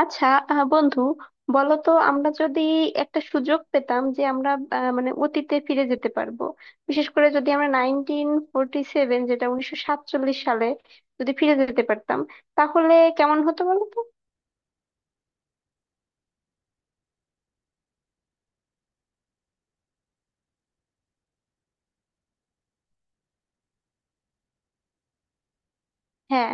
আচ্ছা। বন্ধু, বলো তো, আমরা যদি একটা সুযোগ পেতাম যে আমরা মানে অতীতে ফিরে যেতে পারবো, বিশেষ করে যদি আমরা 1947, যেটা 1947 সালে, যদি ফিরে যেতে পারতাম, তাহলে কেমন হতো বলো তো? হ্যাঁ।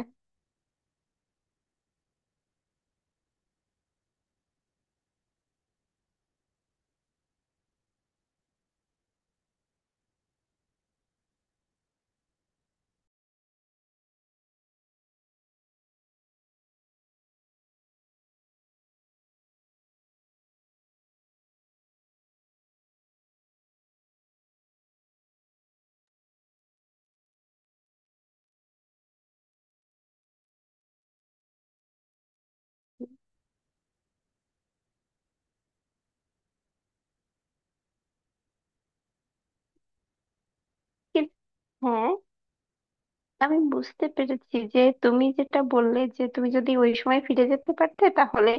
কি- হ্যাঁ, আমি বুঝতে পেরেছি যে তুমি যেটা বললে যে তুমি যদি ওই সময় ফিরে যেতে পারতে, তাহলে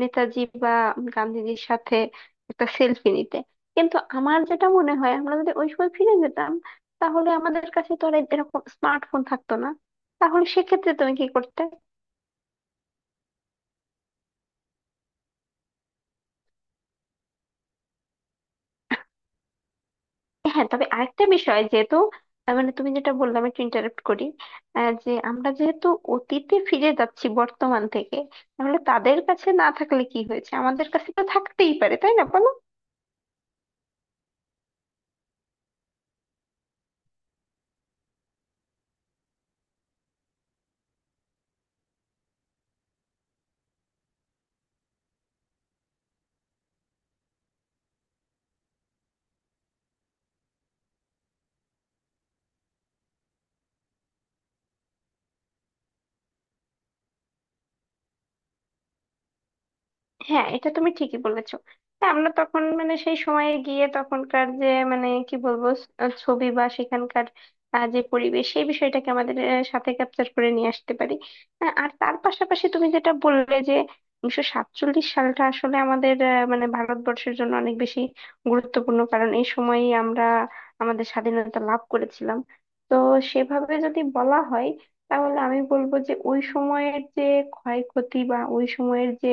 নেতাজি বা গান্ধীজির সাথে একটা সেলফি নিতে। কিন্তু আমার যেটা মনে হয়, আমরা যদি ওই সময় ফিরে যেতাম, তাহলে আমাদের কাছে তো আর এরকম স্মার্টফোন থাকতো না। তাহলে সেক্ষেত্রে তুমি কি করতে? হ্যাঁ, তবে আরেকটা বিষয় যেহেতু, মানে তুমি যেটা বললে, আমি একটু ইন্টারাপ্ট করি। যে আমরা যেহেতু অতীতে ফিরে যাচ্ছি বর্তমান থেকে, তাহলে তাদের কাছে না থাকলে কি হয়েছে, আমাদের কাছে তো থাকতেই পারে, তাই না বলো? হ্যাঁ, এটা তুমি ঠিকই বলেছো। তা আমরা তখন মানে সেই সময়ে গিয়ে তখনকার যে মানে কি বলবো, স- আহ ছবি বা সেখানকার যে পরিবেশ, সেই বিষয়টাকে আমাদের সাথে ক্যাপচার করে নিয়ে আসতে পারি। আর তার পাশাপাশি তুমি যেটা বললে যে 1947 সালটা আসলে আমাদের মানে ভারতবর্ষের জন্য অনেক বেশি গুরুত্বপূর্ণ, কারণ এই সময়ই আমরা আমাদের স্বাধীনতা লাভ করেছিলাম। তো সেভাবে যদি বলা হয়, তাহলে আমি বলবো যে ওই সময়ের যে ক্ষয়ক্ষতি বা ওই সময়ের যে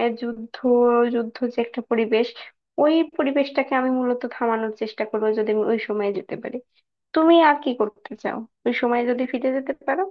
যুদ্ধ যুদ্ধ যে একটা পরিবেশ, ওই পরিবেশটাকে আমি মূলত থামানোর চেষ্টা করবো যদি আমি ওই সময়ে যেতে পারি। তুমি আর কি করতে চাও ওই সময়ে যদি ফিরে যেতে পারো?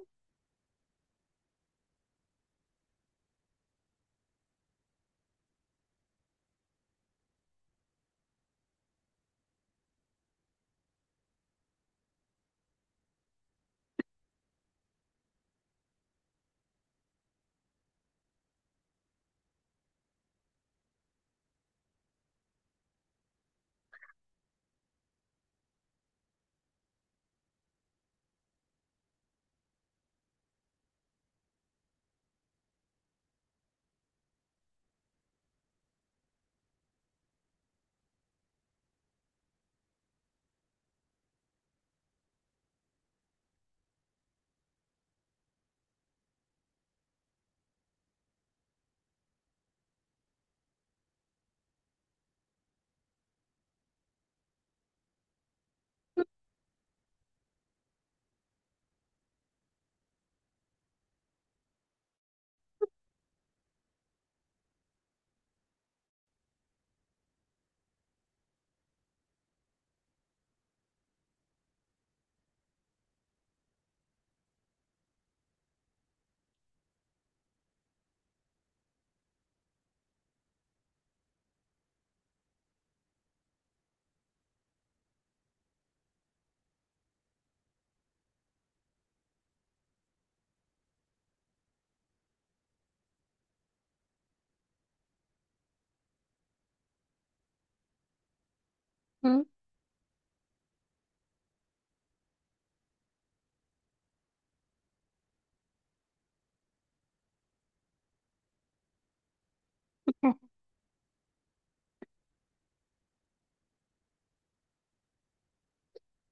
হুম।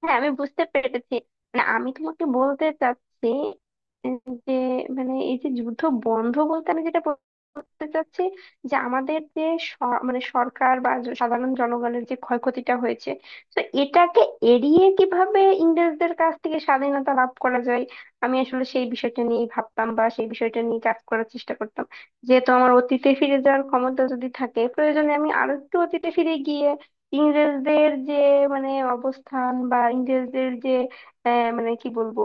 হ্যাঁ, আমি বুঝতে পেরেছি। মানে আমি তোমাকে বলতে চাচ্ছি, উম, যে, মানে এই যে যুদ্ধ বন্ধ বলতে আমি যেটা বলতে চাচ্ছি যে আমাদের যে স- মানে সরকার বা সাধারণ জনগণের যে ক্ষয়ক্ষতিটা হয়েছে, তো এটাকে এড়িয়ে কিভাবে ইংরেজদের কাছ থেকে স্বাধীনতা লাভ করা যায়, আমি আসলে সেই বিষয়টা নিয়ে ভাবতাম বা সেই বিষয়টা নিয়ে কাজ করার চেষ্টা করতাম। যেহেতু আমার অতীতে ফিরে যাওয়ার ক্ষমতা যদি থাকে, প্রয়োজনে আমি আরো একটু অতীতে ফিরে গিয়ে ইংরেজদের যে মানে অবস্থান, বা ইংরেজদের যে মানে কি বলবো,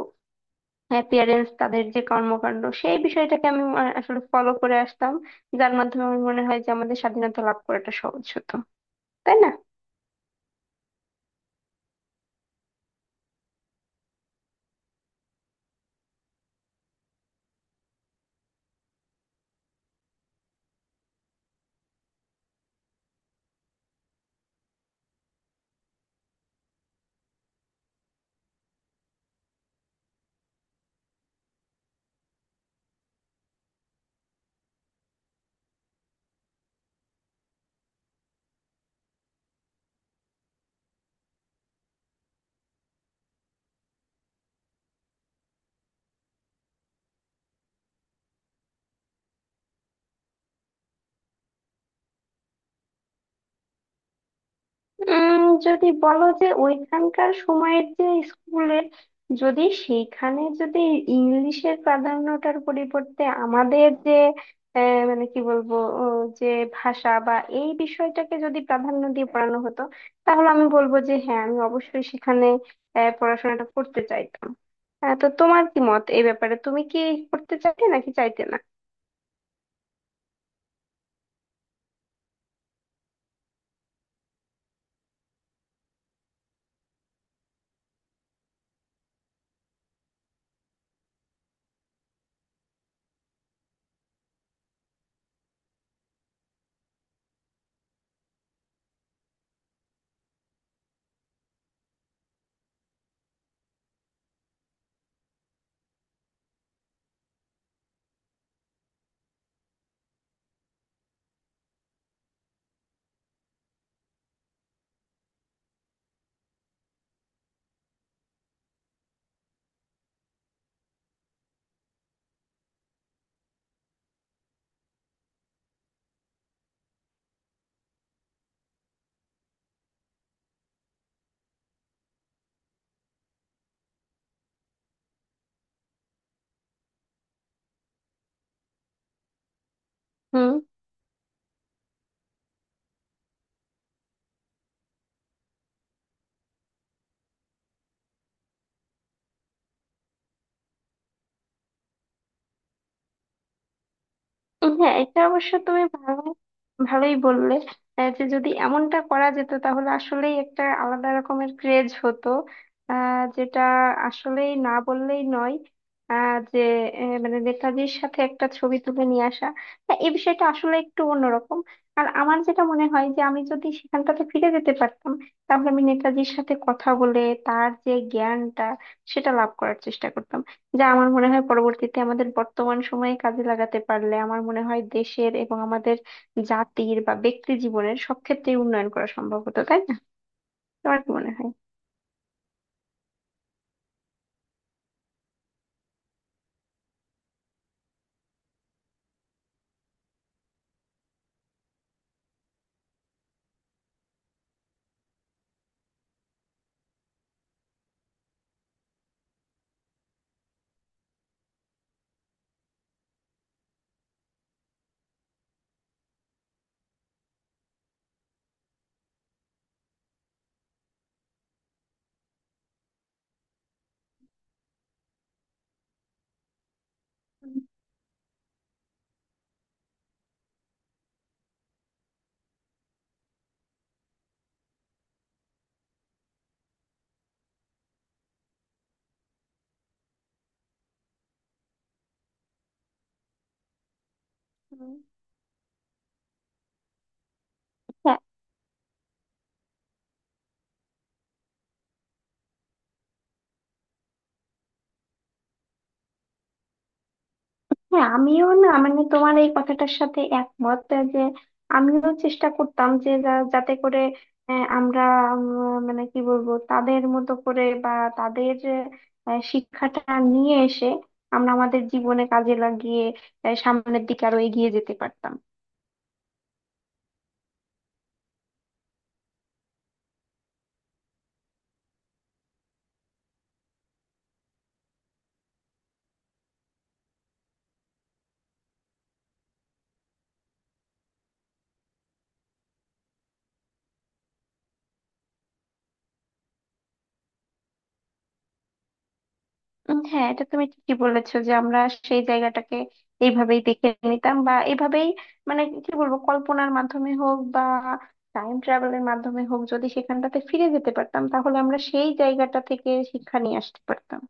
অ্যাপিয়ারেন্স, তাদের যে কর্মকাণ্ড, সেই বিষয়টাকে আমি আসলে ফলো করে আসতাম, যার মাধ্যমে আমার মনে হয় যে আমাদের স্বাধীনতা লাভ করাটা সহজ হতো, তাই না? যদি বলো যে ওইখানকার সময়ের যে স্কুলের, যদি সেইখানে যদি ইংলিশের প্রাধান্যটার পরিবর্তে আমাদের যে মানে কি বলবো, ও, যে ভাষা বা এই বিষয়টাকে যদি প্রাধান্য দিয়ে পড়ানো হতো, তাহলে আমি বলবো যে হ্যাঁ, আমি অবশ্যই সেখানে পড়াশোনাটা করতে চাইতাম। তো তোমার কি মত এই ব্যাপারে? তুমি কি করতে চাইতে নাকি চাইতে না? হুম। হ্যাঁ, এটা অবশ্য তুমি ভালো ভালোই বললে। যে যদি এমনটা করা যেত, তাহলে আসলেই একটা আলাদা রকমের ক্রেজ হতো, যেটা আসলেই না বললেই নয়। যে মানে নেতাজির সাথে একটা ছবি তুলে নিয়ে আসা, হ্যাঁ, এই বিষয়টা আসলে একটু অন্যরকম। আর আমার যেটা মনে হয় যে আমি যদি সেখানটাতে ফিরে যেতে পারতাম, তাহলে আমি নেতাজির সাথে কথা বলে তার যে জ্ঞানটা, সেটা লাভ করার চেষ্টা করতাম, যা আমার মনে হয় পরবর্তীতে আমাদের বর্তমান সময়ে কাজে লাগাতে পারলে, আমার মনে হয় দেশের এবং আমাদের জাতির বা ব্যক্তি জীবনের সব ক্ষেত্রেই উন্নয়ন করা সম্ভব হতো, তাই না? তোমার কি মনে হয়? হুম। হুম। হ্যাঁ। হ্যাঁ, আমিও, না মানে তোমার এই কথাটার সাথে একমত, যে আমিও চেষ্টা করতাম যে যাতে করে আমরা মানে কি বলবো তাদের মতো করে বা তাদের শিক্ষাটা নিয়ে এসে আমরা আমাদের জীবনে কাজে লাগিয়ে সামনের দিকে আরো এগিয়ে যেতে পারতাম। হ্যাঁ, এটা তুমি ঠিকই বলেছো যে আমরা সেই জায়গাটাকে এইভাবেই দেখে নিতাম, বা এইভাবেই মানে কি বলবো কল্পনার মাধ্যমে হোক বা টাইম ট্রাভেলের মাধ্যমে হোক, যদি সেখানটাতে ফিরে যেতে পারতাম, তাহলে আমরা সেই জায়গাটা থেকে শিক্ষা নিয়ে আসতে পারতাম।